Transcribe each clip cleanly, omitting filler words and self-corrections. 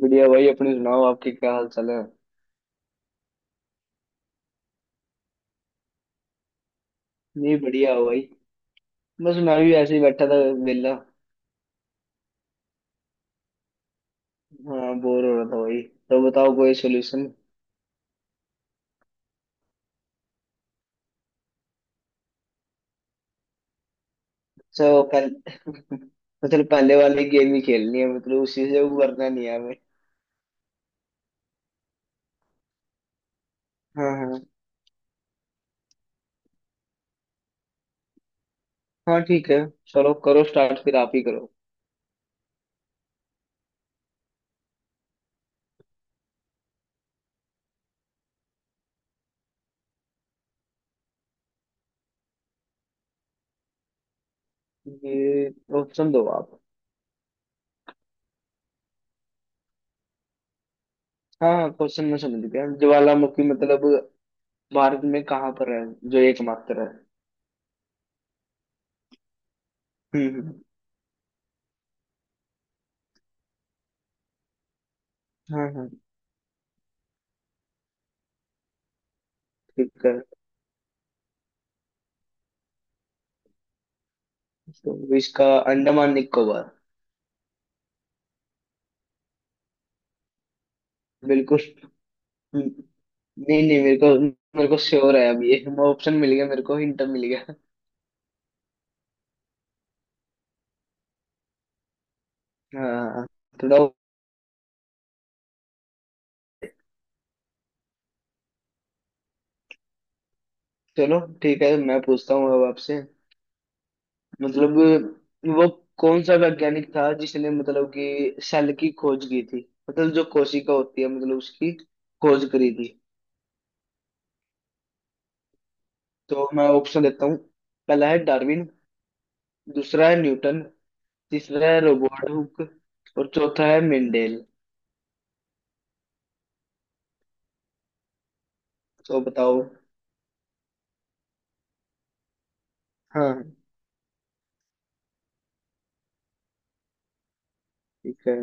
बढ़िया भाई। अपने सुनाओ, आपके क्या हाल चाल है। नहीं, बढ़िया हो भाई। बस मैं भी ऐसे ही बैठा था। वेला। हाँ, बोर हो रहा था भाई। तो बताओ कोई सोल्यूशन। सो पहले मतलब पहले वाली गेम ही खेलनी है, मतलब उसी से उबरना नहीं है हमें। हाँ हाँ हाँ, ठीक है। चलो करो स्टार्ट, फिर आप ही करो। ये ऑप्शन दो आप। हाँ हाँ, क्वेश्चन में समझ गया। ज्वालामुखी मतलब भारत में कहाँ पर है जो एकमात्र है। हम्म। हाँ हाँ, ठीक है। तो इसका अंडमान निकोबार। बिल्कुल। नहीं नहीं, मेरे को श्योर है। अब ये ऑप्शन मिल गया, मेरे को हिंट मिल गया। हाँ, थोड़ा। चलो ठीक है, मैं पूछता हूँ अब आपसे। मतलब वो कौन सा वैज्ञानिक था जिसने मतलब कि सेल की खोज की थी, मतलब जो कोशिका होती है मतलब उसकी खोज करी थी। तो मैं ऑप्शन देता हूँ। पहला है डार्विन। दूसरा है न्यूटन। तीसरा है रोबर्ट हुक। और चौथा है मेंडेल। तो बताओ। हाँ, ठीक है।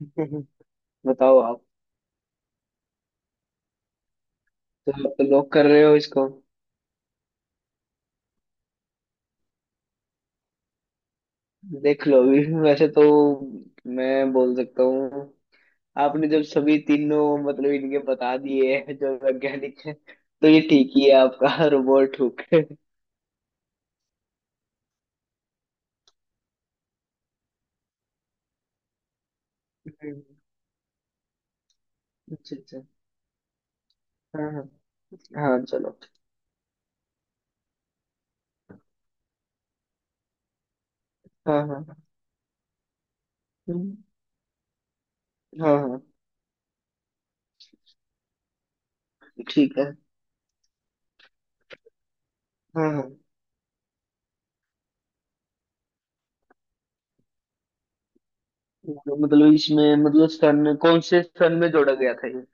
बताओ आप। तो, आप तो लोग कर रहे हो इसको। देख लो अभी वैसे तो मैं बोल सकता हूँ, आपने जब सभी तीनों मतलब इनके बता दिए हैं, जो वैज्ञानिक है, तो ये ठीक ही है आपका रोबोट हुक। अच्छा अच्छा। हाँ हाँ हाँ। चलो। हाँ हाँ। हम्म, हाँ हाँ, ठीक है। हाँ हाँ। तो मतलब इसमें मतलब सन कौन से सन में जोड़ा गया था ये।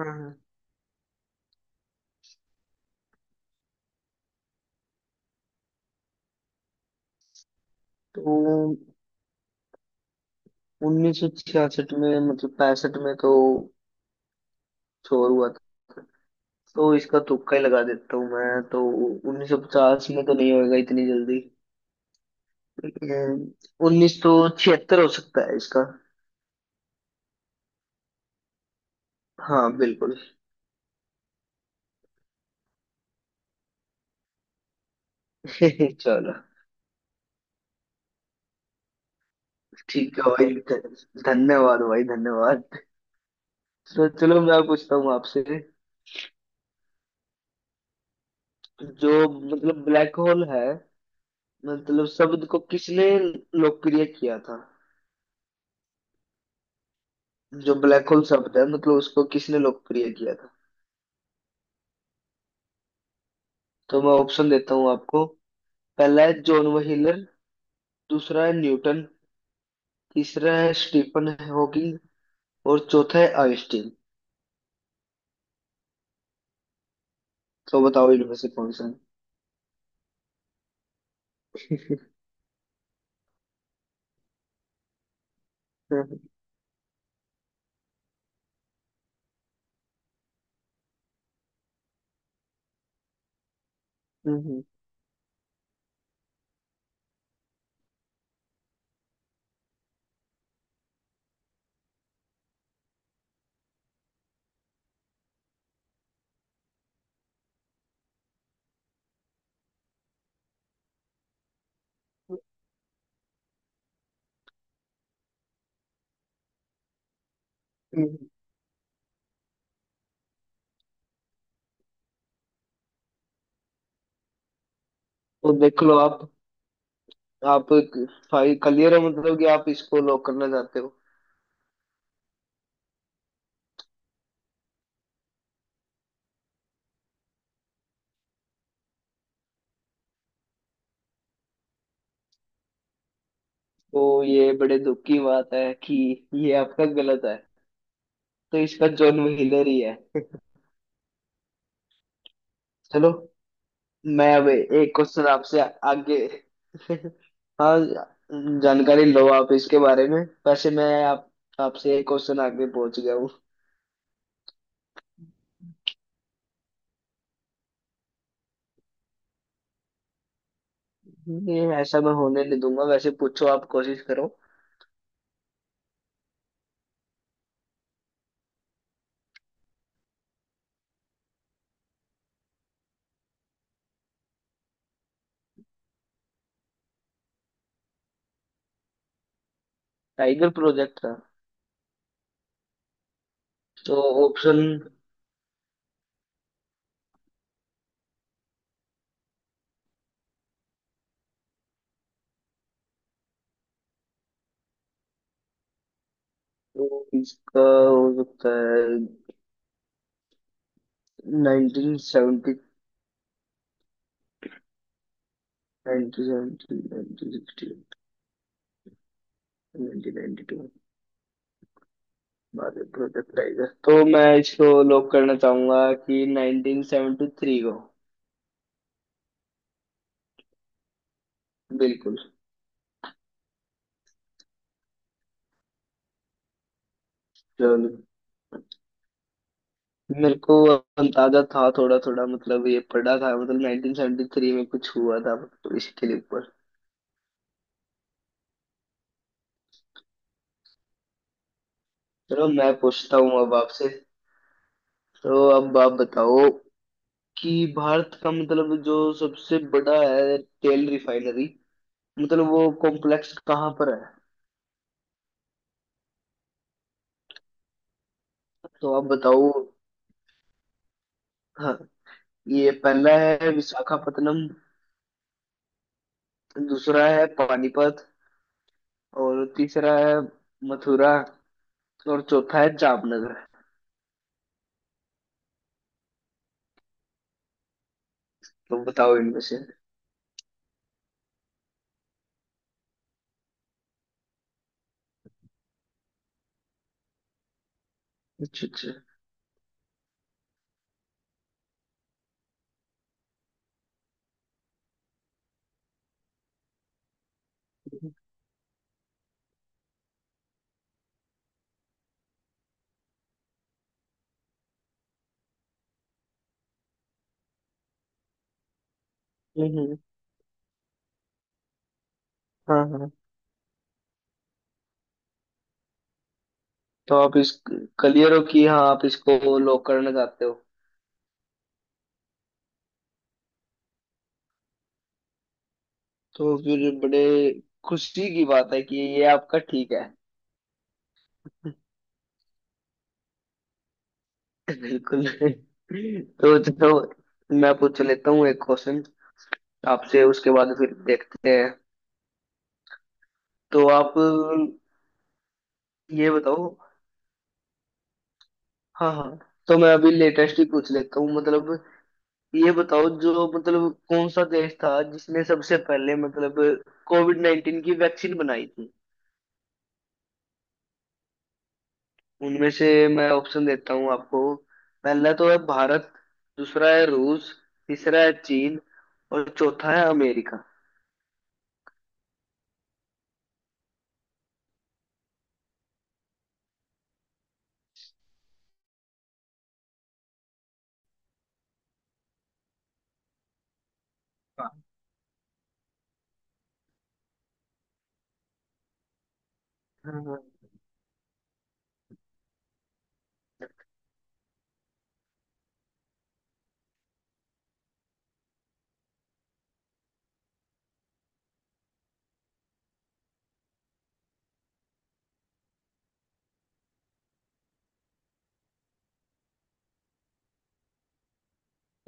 हाँ हाँ। तो 1966 में, मतलब पैंसठ में तो छोर हुआ था। तो इसका तुक्का ही लगा देता हूँ मैं। तो 1950 में तो नहीं होएगा इतनी जल्दी। 1976 हो सकता है इसका। हाँ बिल्कुल। चलो ठीक है भाई। धन्यवाद भाई, धन्यवाद। तो चलो मैं पूछता हूँ आपसे। जो मतलब ब्लैक होल है, मतलब शब्द को किसने लोकप्रिय किया था। जो ब्लैक होल शब्द है, मतलब उसको किसने लोकप्रिय किया था। तो मैं ऑप्शन देता हूँ आपको। पहला है जॉन व्हीलर। दूसरा है न्यूटन। तीसरा है स्टीफन हॉकिंग। और चौथा है आइंस्टीन। तो बताओ इनमें से कौन सा है। तो देख लो आप भाई, क्लियर है, मतलब कि आप इसको लॉक करना चाहते हो। तो ये बड़े दुख की बात है कि ये आपका गलत है। तो इसका जॉन व्हीलर ही है। चलो मैं अब एक क्वेश्चन आपसे आगे। हाँ। जानकारी लो आप इसके बारे में। वैसे मैं आप आपसे एक क्वेश्चन आगे पहुंच गया। नहीं, ऐसा मैं होने नहीं दूंगा। वैसे पूछो, आप कोशिश करो। टाइगर प्रोजेक्ट था। तो ऑप्शन इसका हो सकता है nineteen seventy nineteen seventy, 1960। Project Tiger, तो मैं इसको लॉक करना चाहूंगा कि 1973 को। बिल्कुल। चलो, मेरे को अंदाजा था थोड़ा थोड़ा, मतलब ये पढ़ा था, मतलब 1973 में कुछ हुआ था, तो इसके लिए ऊपर। चलो मैं पूछता हूँ अब आपसे। तो अब आप बताओ कि भारत का मतलब जो सबसे बड़ा है तेल रिफाइनरी, मतलब वो कॉम्प्लेक्स कहाँ पर है। तो आप बताओ। हाँ। ये पहला है विशाखापत्तनम। दूसरा है पानीपत। और तीसरा है मथुरा। और चौथा है जामनगर। तो बताओ इनमें से। अच्छा अच्छा। हम्म। हाँ हाँ। तो आप इस क्लियर हो कि हाँ आप इसको लॉक करना चाहते हो। तो फिर बड़े खुशी की बात है कि ये आपका ठीक है। बिल्कुल। तो चलो, मैं पूछ लेता हूँ एक क्वेश्चन आपसे, उसके बाद फिर देखते हैं। तो आप ये बताओ। हाँ हाँ। तो मैं अभी लेटेस्ट ही पूछ लेता हूँ। मतलब ये बताओ, जो मतलब कौन सा देश था जिसने सबसे पहले मतलब कोविड-19 की वैक्सीन बनाई थी। उनमें से मैं ऑप्शन देता हूँ आपको। पहला तो है भारत। दूसरा है रूस। तीसरा है चीन। और चौथा है अमेरिका। हाँ। हाँ, हाँ।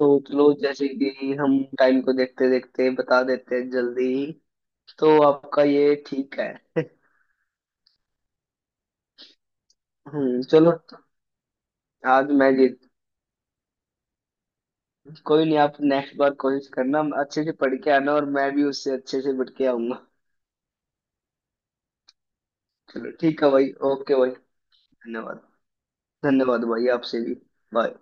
सोच लो, जैसे कि हम टाइम को देखते देखते बता देते हैं जल्दी ही। तो आपका ये ठीक है। हम्म, चलो। आज मैं जीत। कोई नहीं, आप नेक्स्ट बार कोशिश करना अच्छे से पढ़ के आना, और मैं भी उससे अच्छे से पढ़ के आऊंगा। चलो ठीक है भाई, ओके भाई। धन्यवाद। धन्यवाद भाई आपसे भी। बाय।